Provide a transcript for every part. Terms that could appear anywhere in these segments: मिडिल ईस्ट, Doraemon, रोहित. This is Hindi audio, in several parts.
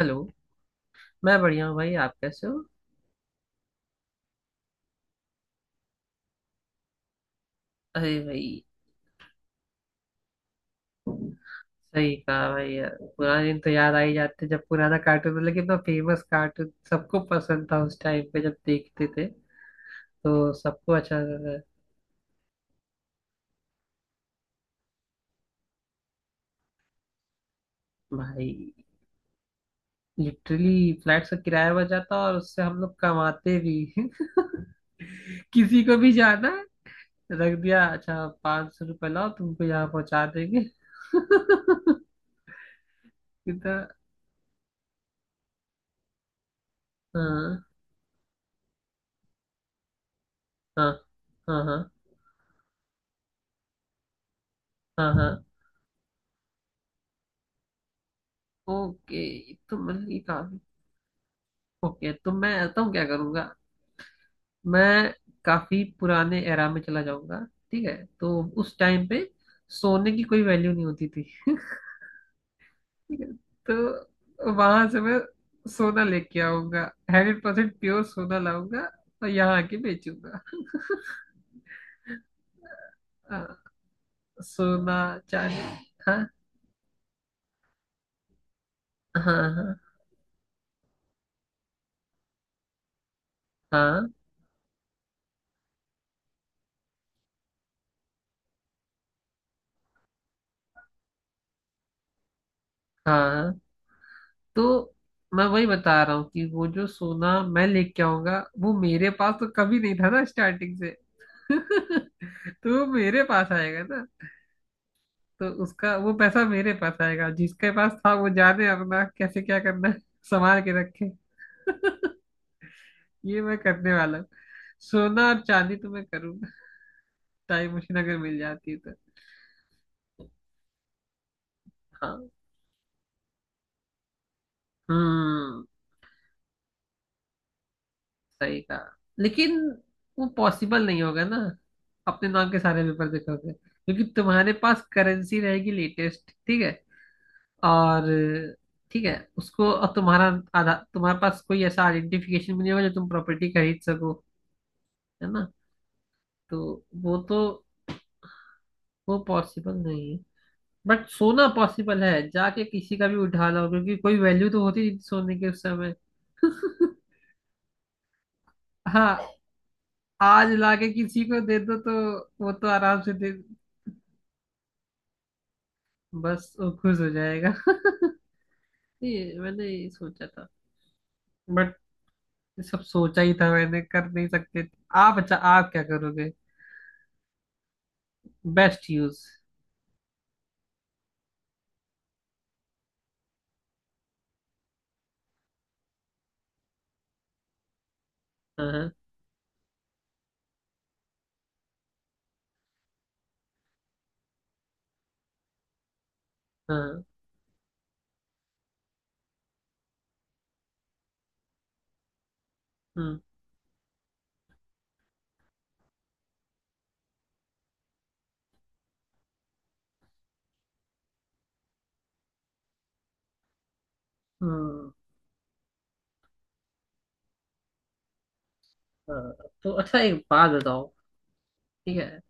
हेलो। मैं बढ़िया हूँ भाई, आप कैसे हो। अरे भाई, सही कहा भाई, यार पुराने दिन तो याद आ ही जाते जब पुराना कार्टून मतलब कि इतना फेमस कार्टून सबको पसंद था उस टाइम पे, जब देखते थे तो सबको अच्छा लगता था भाई। लिटरली फ्लैट का किराया बच जाता और उससे हम लोग कमाते भी किसी को भी जाना है, रख दिया, अच्छा 500 रुपये लाओ, तुमको यहाँ पहुंचा देंगे कितना। हाँ हाँ। हाँ हाँ। हाँ हाँ। ओके, तो मतलब ये काफी। ओके, तो मैं तो क्या करूंगा। मैं काफी पुराने एरा में चला जाऊंगा। ठीक है, तो उस टाइम पे सोने की कोई वैल्यू नहीं होती थी ठीक है। तो वहां से मैं सोना लेके आऊंगा, 100% प्योर सोना लाऊंगा, और यहाँ आके बेचूंगा। हाँ, सोना, चांदी। हाँ हाँ। हाँ हाँ। हाँ। तो मैं वही बता रहा हूँ कि वो जो सोना मैं लेके आऊंगा वो मेरे पास तो कभी नहीं था ना स्टार्टिंग से तो वो मेरे पास आएगा ना। तो उसका वो पैसा मेरे पास आएगा, जिसके पास था वो जाने अपना कैसे क्या करना है, संभाल के रखे ये मैं करने वाला हूँ। सोना और चांदी तो मैं करूंगा, टाइम मशीन अगर मिल जाती है तो। हाँ। हम्म। सही कहा, लेकिन वो पॉसिबल नहीं होगा ना। अपने नाम के सारे पेपर देखोगे क्योंकि तुम्हारे पास करेंसी रहेगी लेटेस्ट। ठीक है और ठीक है उसको, और तुम्हारा आधा, तुम्हारे पास कोई ऐसा आइडेंटिफिकेशन भी नहीं होगा जो तुम प्रॉपर्टी खरीद सको, है ना। तो वो तो, वो पॉसिबल नहीं है, बट सोना पॉसिबल है, जाके किसी का भी उठा लो क्योंकि कोई वैल्यू तो होती नहीं सोने के उस समय हाँ, आज लाके किसी को दे दो तो वो तो आराम से दे, बस वो खुश हो जाएगा ये मैंने ये सोचा था, बट ये सब सोचा ही था, मैंने कर नहीं सकते थे। आप, अच्छा, आप क्या करोगे, बेस्ट यूज। हाँ हाँ। हम्म। हम्म, हाँ। तो अच्छा, एक बात बताओ, ठीक है,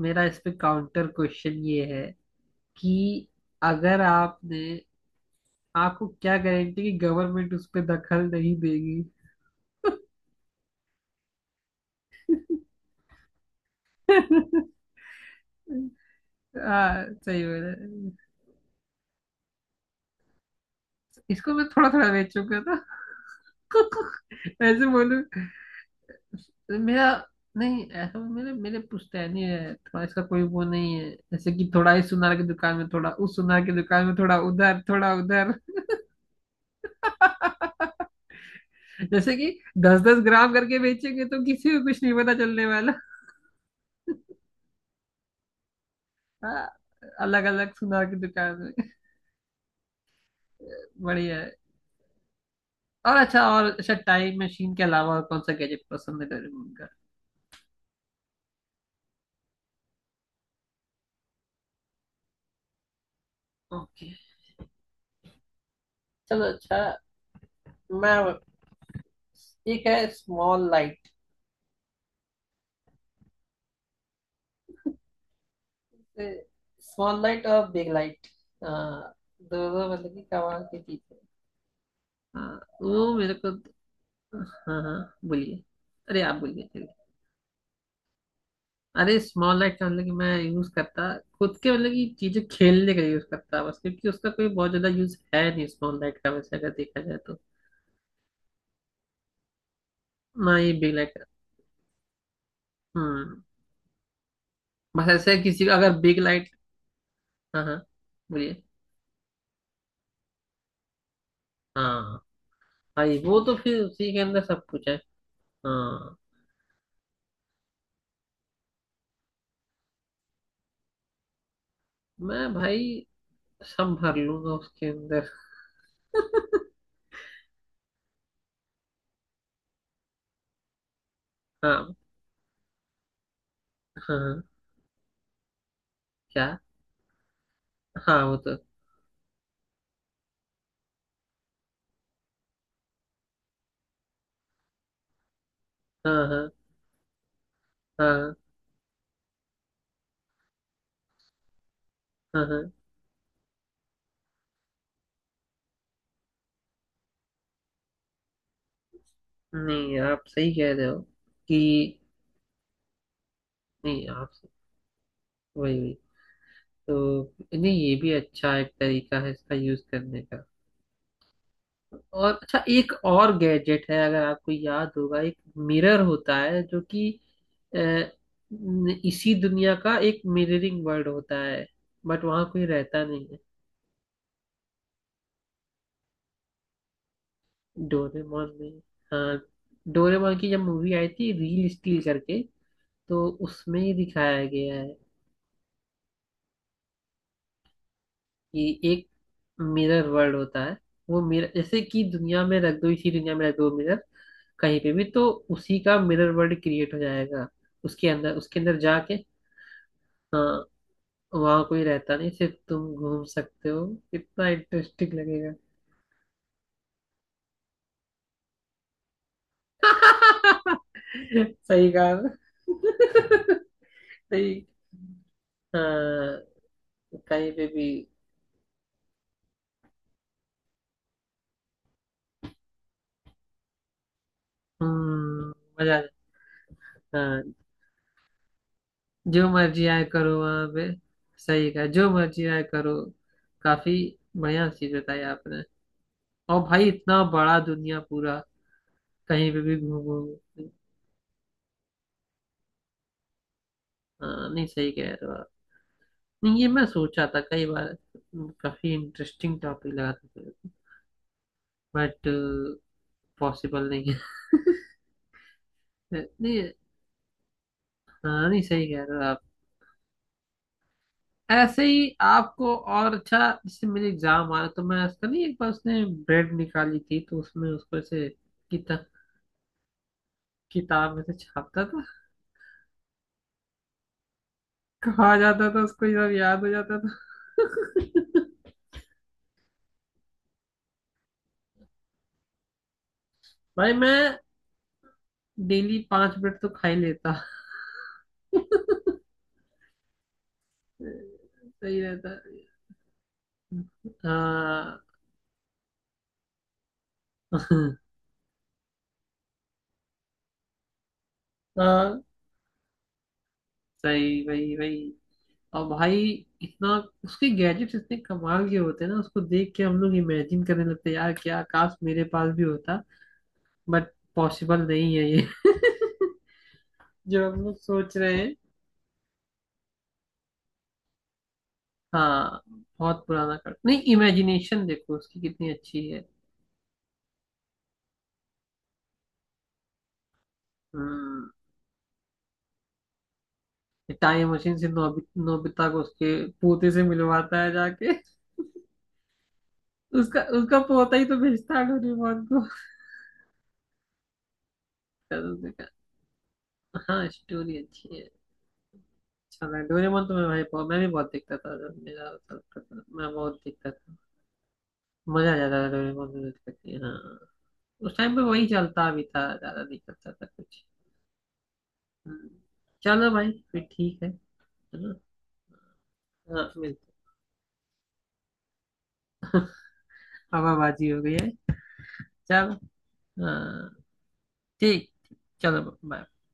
मेरा इस पे काउंटर क्वेश्चन ये है कि अगर आपने, आपको क्या गारंटी कि गवर्नमेंट उस पे दखल नहीं देगी। हाँ, सही बोला। इसको मैं थोड़ा थोड़ा बेच चुका था ऐसे बोलूं मेरा, नहीं ऐसा मेरे मेरे पुश्तैनी है, थोड़ा इसका कोई वो नहीं है, जैसे कि थोड़ा इस सुनार की दुकान में, थोड़ा उस सुनार की दुकान में, थोड़ा उधर, थोड़ा उधर जैसे कि 10-10 ग्राम करके बेचेंगे तो किसी को कुछ नहीं पता चलने वाला। अलग अलग सुनार की दुकान में बढ़िया है। और अच्छा, और अच्छा, टाइम मशीन के अलावा और कौन सा गैजेट पसंद है तेरे को उनका। ओके। चलो अच्छा। मैं, एक है स्मॉल लाइट। स्मॉल लाइट और बिग लाइट दोनों मतलब कि कमाल की चीज है। हाँ, वो मेरे को। हाँ हाँ। बोलिए। अरे आप बोलिए, चलिए। अरे स्मॉल लाइट का मतलब कि मैं यूज करता खुद के, मतलब कि चीजें खेलने का यूज करता बस, क्योंकि उसका कोई बहुत ज्यादा यूज है नहीं स्मॉल लाइट का वैसे अगर देखा जाए तो। ना ये बिग लाइट का। हम्म। बस ऐसे किसी का अगर बिग लाइट। हाँ हाँ। बोलिए। हाँ, भाई वो तो फिर उसी के अंदर सब कुछ है। हाँ। मैं भाई संभाल लूंगा उसके अंदर। हाँ हाँ। हाँ, क्या। हाँ वो तो। हाँ हाँ। हाँ हाँ। हाँ, नहीं आप सही कह रहे हो कि। नहीं आप, वही वही। तो नहीं, ये भी अच्छा एक तरीका है इसका यूज करने का। और अच्छा, एक और गैजेट है अगर आपको याद होगा, एक मिरर होता है जो कि इसी दुनिया का एक मिररिंग वर्ल्ड होता है, बट वहां कोई रहता नहीं। डोरेमोन में। हाँ, डोरेमोन की जब मूवी आई थी रील स्टील करके, तो उसमें ही दिखाया गया है कि एक मिरर वर्ल्ड होता है। वो मिरर जैसे कि दुनिया में रख दो, इसी दुनिया में रख दो मिरर कहीं पे भी, तो उसी का मिरर वर्ल्ड क्रिएट हो जाएगा। उसके अंदर जाके। हाँ, वहां कोई रहता नहीं, सिर्फ तुम घूम सकते हो, कितना इंटरेस्टिंग लगेगा। सही कहा। सही। हाँ, कहीं पे भी। हम्म, मजा आ जाता है। हाँ, जो मर्जी आए करो वहां पे। सही कहा, जो मर्जी आए करो। काफी बढ़िया चीज बताई आपने। और भाई, इतना बड़ा दुनिया पूरा, कहीं पे भी घूमो। हाँ, नहीं सही कह रहे हो आप। नहीं, ये मैं सोचा था कई बार, काफी इंटरेस्टिंग टॉपिक लगा था, बट पॉसिबल नहीं है नहीं, हाँ नहीं सही कह रहे हो आप। ऐसे ही आपको और अच्छा, जैसे मेरे एग्जाम आ रहा तो मैं उसका, नहीं एक बार उसने ब्रेड निकाली थी तो उसमें उसको ऐसे किता, किताब में से छापता था, कहा जाता था उसको ये सब याद हो जाता था। भाई, मैं डेली 5 मिनट तो खा ही लेता। सही रहता। हाँ हाँ। सही, वही वही। और भाई, इतना उसके गैजेट्स इतने कमाल के होते हैं ना, उसको देख के हम लोग इमेजिन करने लगते हैं यार क्या, काश मेरे पास भी होता, बट पॉसिबल नहीं है ये जो हम लोग सोच रहे हैं। हाँ, बहुत पुराना, कर नहीं, इमेजिनेशन देखो उसकी कितनी अच्छी है। हम्म। टाइम मशीन से नोबिता को उसके पोते से मिलवाता है जाके। उसका, उसका पोता ही तो भेजता है डोरेमोन को। तब उसने कहा, हाँ स्टोरी अच्छी है। अच्छा लगा डोरेमोन तो, मैं भाई मैं भी बहुत देखता था, जब मेरा होता था मैं बहुत देखता था। मजा आ जाता था डोरेमोन को देख करके। हाँ, उस टाइम पे वही चलता भी था ज्यादा, नहीं करता था कुछ। हम्म, चलो भाई, फिर ठीक है। चलो। हाँ, मिलते। हवाबाजी हो गई है। चलो। हाँ। ठीक ठीक, चलो, बाय।